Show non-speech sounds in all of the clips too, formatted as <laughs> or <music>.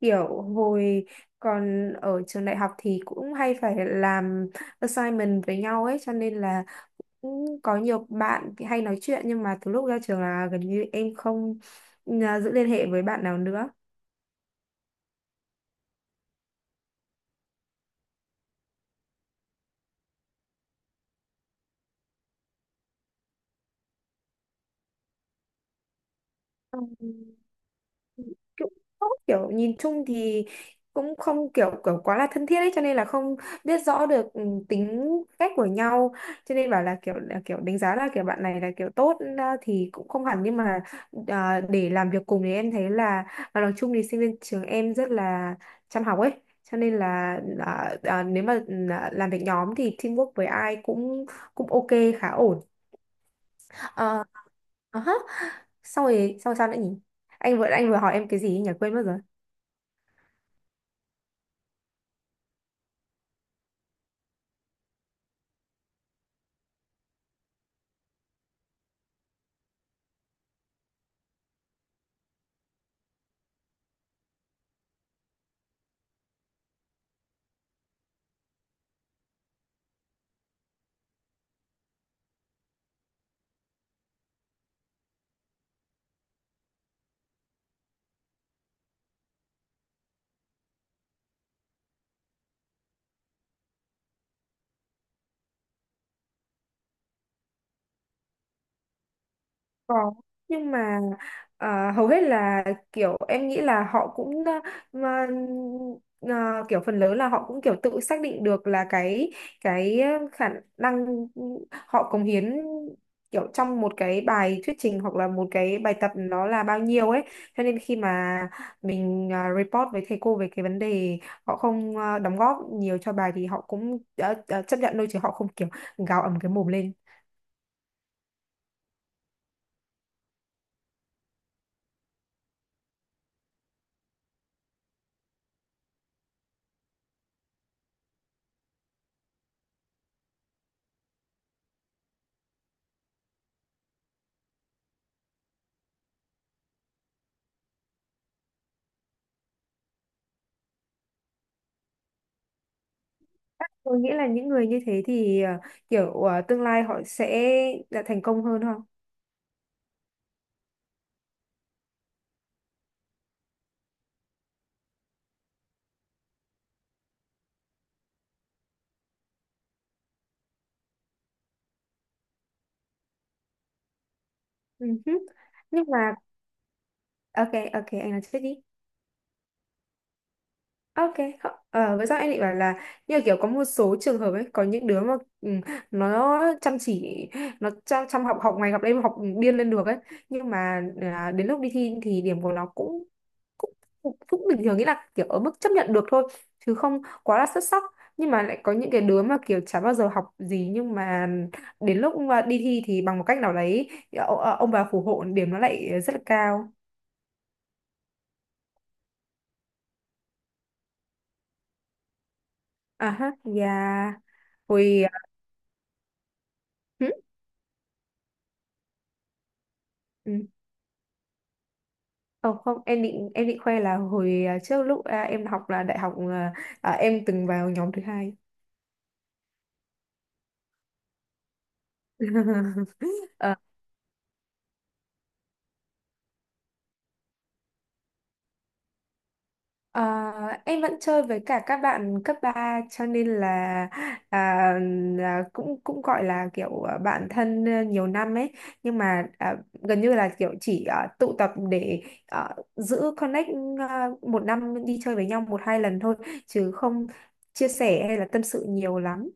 Kiểu hồi còn ở trường đại học thì cũng hay phải làm assignment với nhau ấy, cho nên là cũng có nhiều bạn hay nói chuyện, nhưng mà từ lúc ra trường là gần như em không giữ liên hệ với bạn nào nữa. Ừ. Cũng tốt, kiểu nhìn chung thì cũng không kiểu kiểu quá là thân thiết ấy, cho nên là không biết rõ được tính cách của nhau. Cho nên bảo là kiểu đánh giá là kiểu bạn này là kiểu tốt, thì cũng không hẳn, nhưng mà để làm việc cùng thì em thấy là, và nói chung thì sinh viên trường em rất là chăm học ấy, cho nên là nếu mà làm việc nhóm thì teamwork với ai cũng cũng ok, khá ổn. Ờ, ờ hớ. Sau sao nữa nhỉ? Anh vừa hỏi em cái gì ấy nhỉ, quên mất rồi. Có, nhưng mà hầu hết là kiểu em nghĩ là họ cũng mà, kiểu phần lớn là họ cũng kiểu tự xác định được là cái khả năng họ cống hiến kiểu trong một cái bài thuyết trình, hoặc là một cái bài tập, nó là bao nhiêu ấy. Cho nên khi mà mình report với thầy cô về cái vấn đề họ không đóng góp nhiều cho bài, thì họ cũng đã chấp nhận thôi, chứ họ không kiểu gào ầm cái mồm lên. Tôi nghĩ là những người như thế thì kiểu tương lai họ sẽ đã thành công hơn không? Ừ hứ. Nhưng mà, ok, ok, anh nói trước đi. Ok, với sao em định bảo là như kiểu có một số trường hợp ấy, có những đứa mà ừ, nó chăm chỉ, nó chăm học, học ngày học đêm học điên lên được ấy, nhưng mà đến lúc đi thi thì điểm của nó cũng cũng cũng cũng bình thường, nghĩa là kiểu ở mức chấp nhận được thôi, chứ không quá là xuất sắc. Nhưng mà lại có những cái đứa mà kiểu chả bao giờ học gì, nhưng mà đến lúc mà đi thi thì bằng một cách nào đấy, ông bà phù hộ, điểm nó lại rất là cao. À ha, yeah. Hồi ừ, ừ. Ờ, không, em định em định khoe là hồi trước lúc em học là đại học, em từng vào nhóm thứ hai. <laughs> Ờ, ờ, em vẫn chơi với cả các bạn cấp ba, cho nên là, à, cũng cũng gọi là kiểu bạn thân nhiều năm ấy. Nhưng mà gần như là kiểu chỉ tụ tập để giữ connect, một năm đi chơi với nhau một hai lần thôi, chứ không chia sẻ hay là tâm sự nhiều lắm.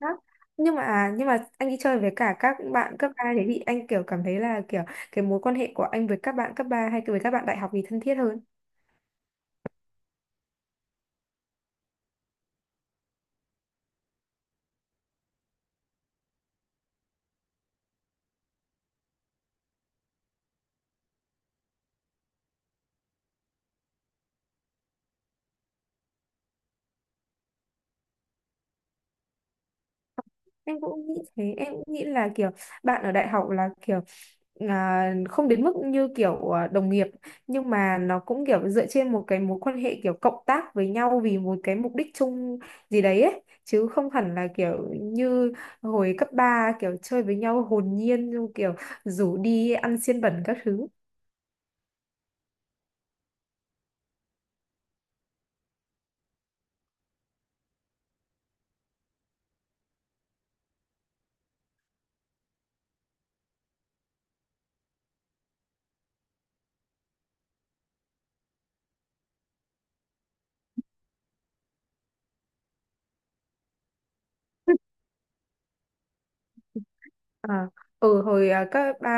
Đó. Nhưng mà anh đi chơi với cả các bạn cấp 3 thế thì anh kiểu cảm thấy là kiểu cái mối quan hệ của anh với các bạn cấp 3 hay với các bạn đại học thì thân thiết hơn? Em cũng nghĩ thế, em cũng nghĩ là kiểu bạn ở đại học là kiểu không đến mức như kiểu đồng nghiệp, nhưng mà nó cũng kiểu dựa trên một cái mối quan hệ kiểu cộng tác với nhau vì một cái mục đích chung gì đấy ấy, chứ không hẳn là kiểu như hồi cấp 3 kiểu chơi với nhau hồn nhiên, kiểu rủ đi ăn xiên bẩn các thứ. À, ừ hồi cấp ba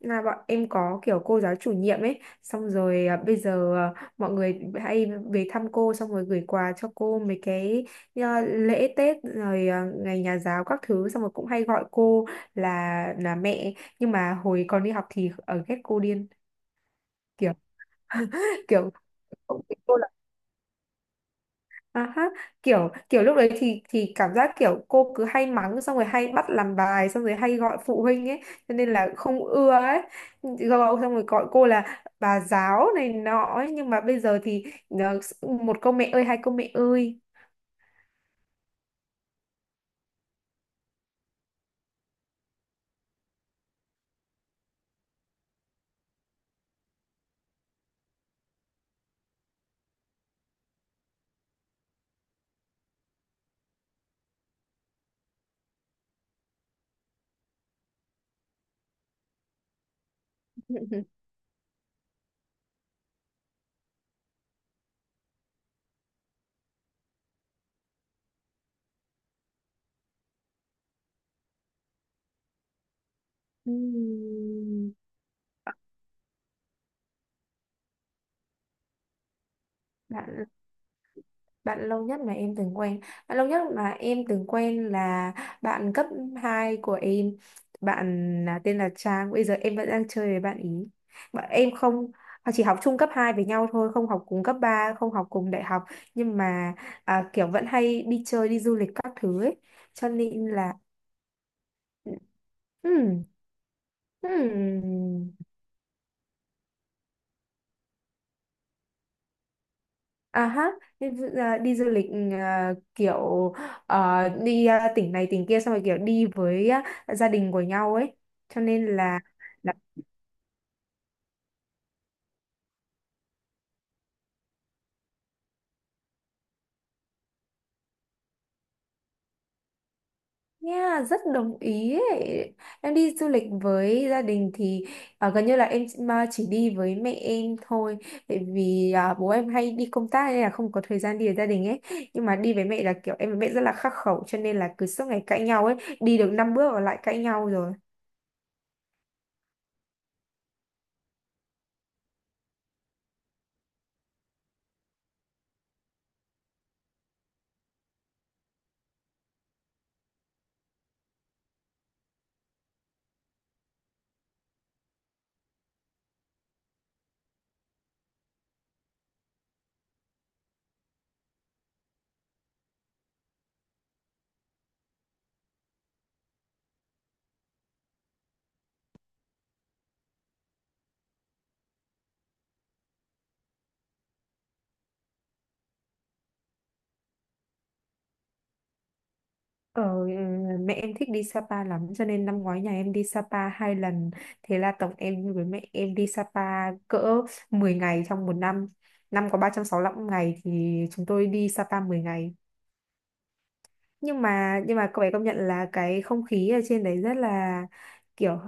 là bọn em có kiểu cô giáo chủ nhiệm ấy, xong rồi bây giờ mọi người hay về thăm cô, xong rồi gửi quà cho cô mấy cái lễ Tết rồi ngày nhà giáo các thứ, xong rồi cũng hay gọi cô là là mẹ. Nhưng mà hồi còn đi học thì ở ghét cô điên kiểu. <laughs> Kiểu. À ha, kiểu kiểu lúc đấy thì cảm giác kiểu cô cứ hay mắng, xong rồi hay bắt làm bài, xong rồi hay gọi phụ huynh ấy, cho nên là không ưa ấy. Gọi xong rồi gọi cô là bà giáo này nọ ấy. Nhưng mà bây giờ thì một câu mẹ ơi, hai câu mẹ ơi. <laughs> Ừm, bạn Bạn lâu nhất mà em từng quen Bạn lâu nhất mà em từng quen là bạn cấp 2 của em. Bạn là Tên là Trang. Bây giờ em vẫn đang chơi với bạn ý. Bạn em không chỉ học chung cấp 2 với nhau thôi, không học cùng cấp 3, không học cùng đại học. Nhưng mà kiểu vẫn hay đi chơi, đi du lịch các thứ ấy, cho nên là. Ừm, ừm. À ha, đi du lịch, kiểu đi tỉnh này tỉnh kia, xong rồi kiểu đi với gia đình của nhau ấy. Cho nên là. Yeah, rất đồng ý ấy. Em đi du lịch với gia đình thì gần như là em chỉ- mà chỉ đi với mẹ em thôi. Tại vì bố em hay đi công tác nên là không có thời gian đi với gia đình ấy. Nhưng mà đi với mẹ là kiểu em với mẹ rất là khắc khẩu, cho nên là cứ suốt ngày cãi nhau ấy. Đi được 5 bước là lại cãi nhau. Ờ, mẹ em thích đi Sapa lắm, cho nên năm ngoái nhà em đi Sapa 2 lần. Thế là tổng em với mẹ em đi Sapa cỡ 10 ngày trong một năm. Năm có 365 ngày thì chúng tôi đi Sapa 10 ngày. Nhưng mà cậu ấy công nhận là cái không khí ở trên đấy rất là kiểu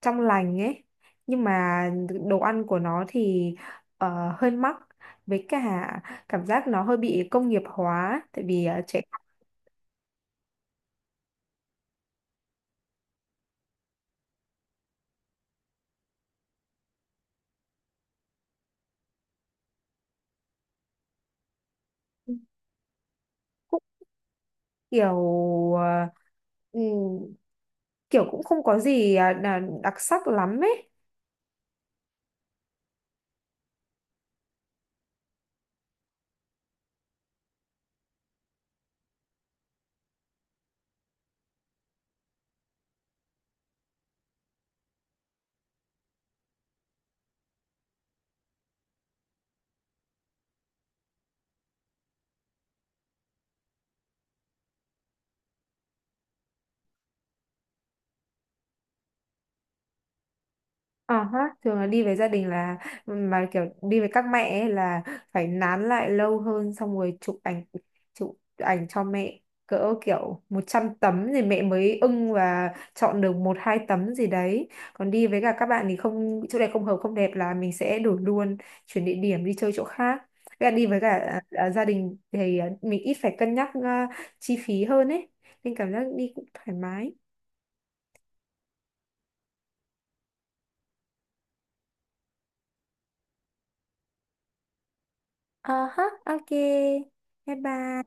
trong lành ấy. Nhưng mà đồ ăn của nó thì hơi mắc, với cả cảm giác nó hơi bị công nghiệp hóa. Tại vì trẻ con kiểu. Ờ, ừ, kiểu cũng không có gì là đặc sắc lắm ấy. Ờ ha, thường là đi với gia đình, là mà kiểu đi với các mẹ ấy là phải nán lại lâu hơn, xong rồi chụp ảnh cho mẹ cỡ kiểu 100 tấm thì mẹ mới ưng và chọn được một hai tấm gì đấy. Còn đi với cả các bạn thì không, chỗ này không hợp, không đẹp là mình sẽ đổi luôn, chuyển địa điểm đi chơi chỗ khác. Với cả đi với cả gia đình thì mình ít phải cân nhắc chi phí hơn ấy. Nên cảm giác đi cũng thoải mái. Ờ ha, ok. Bye bye.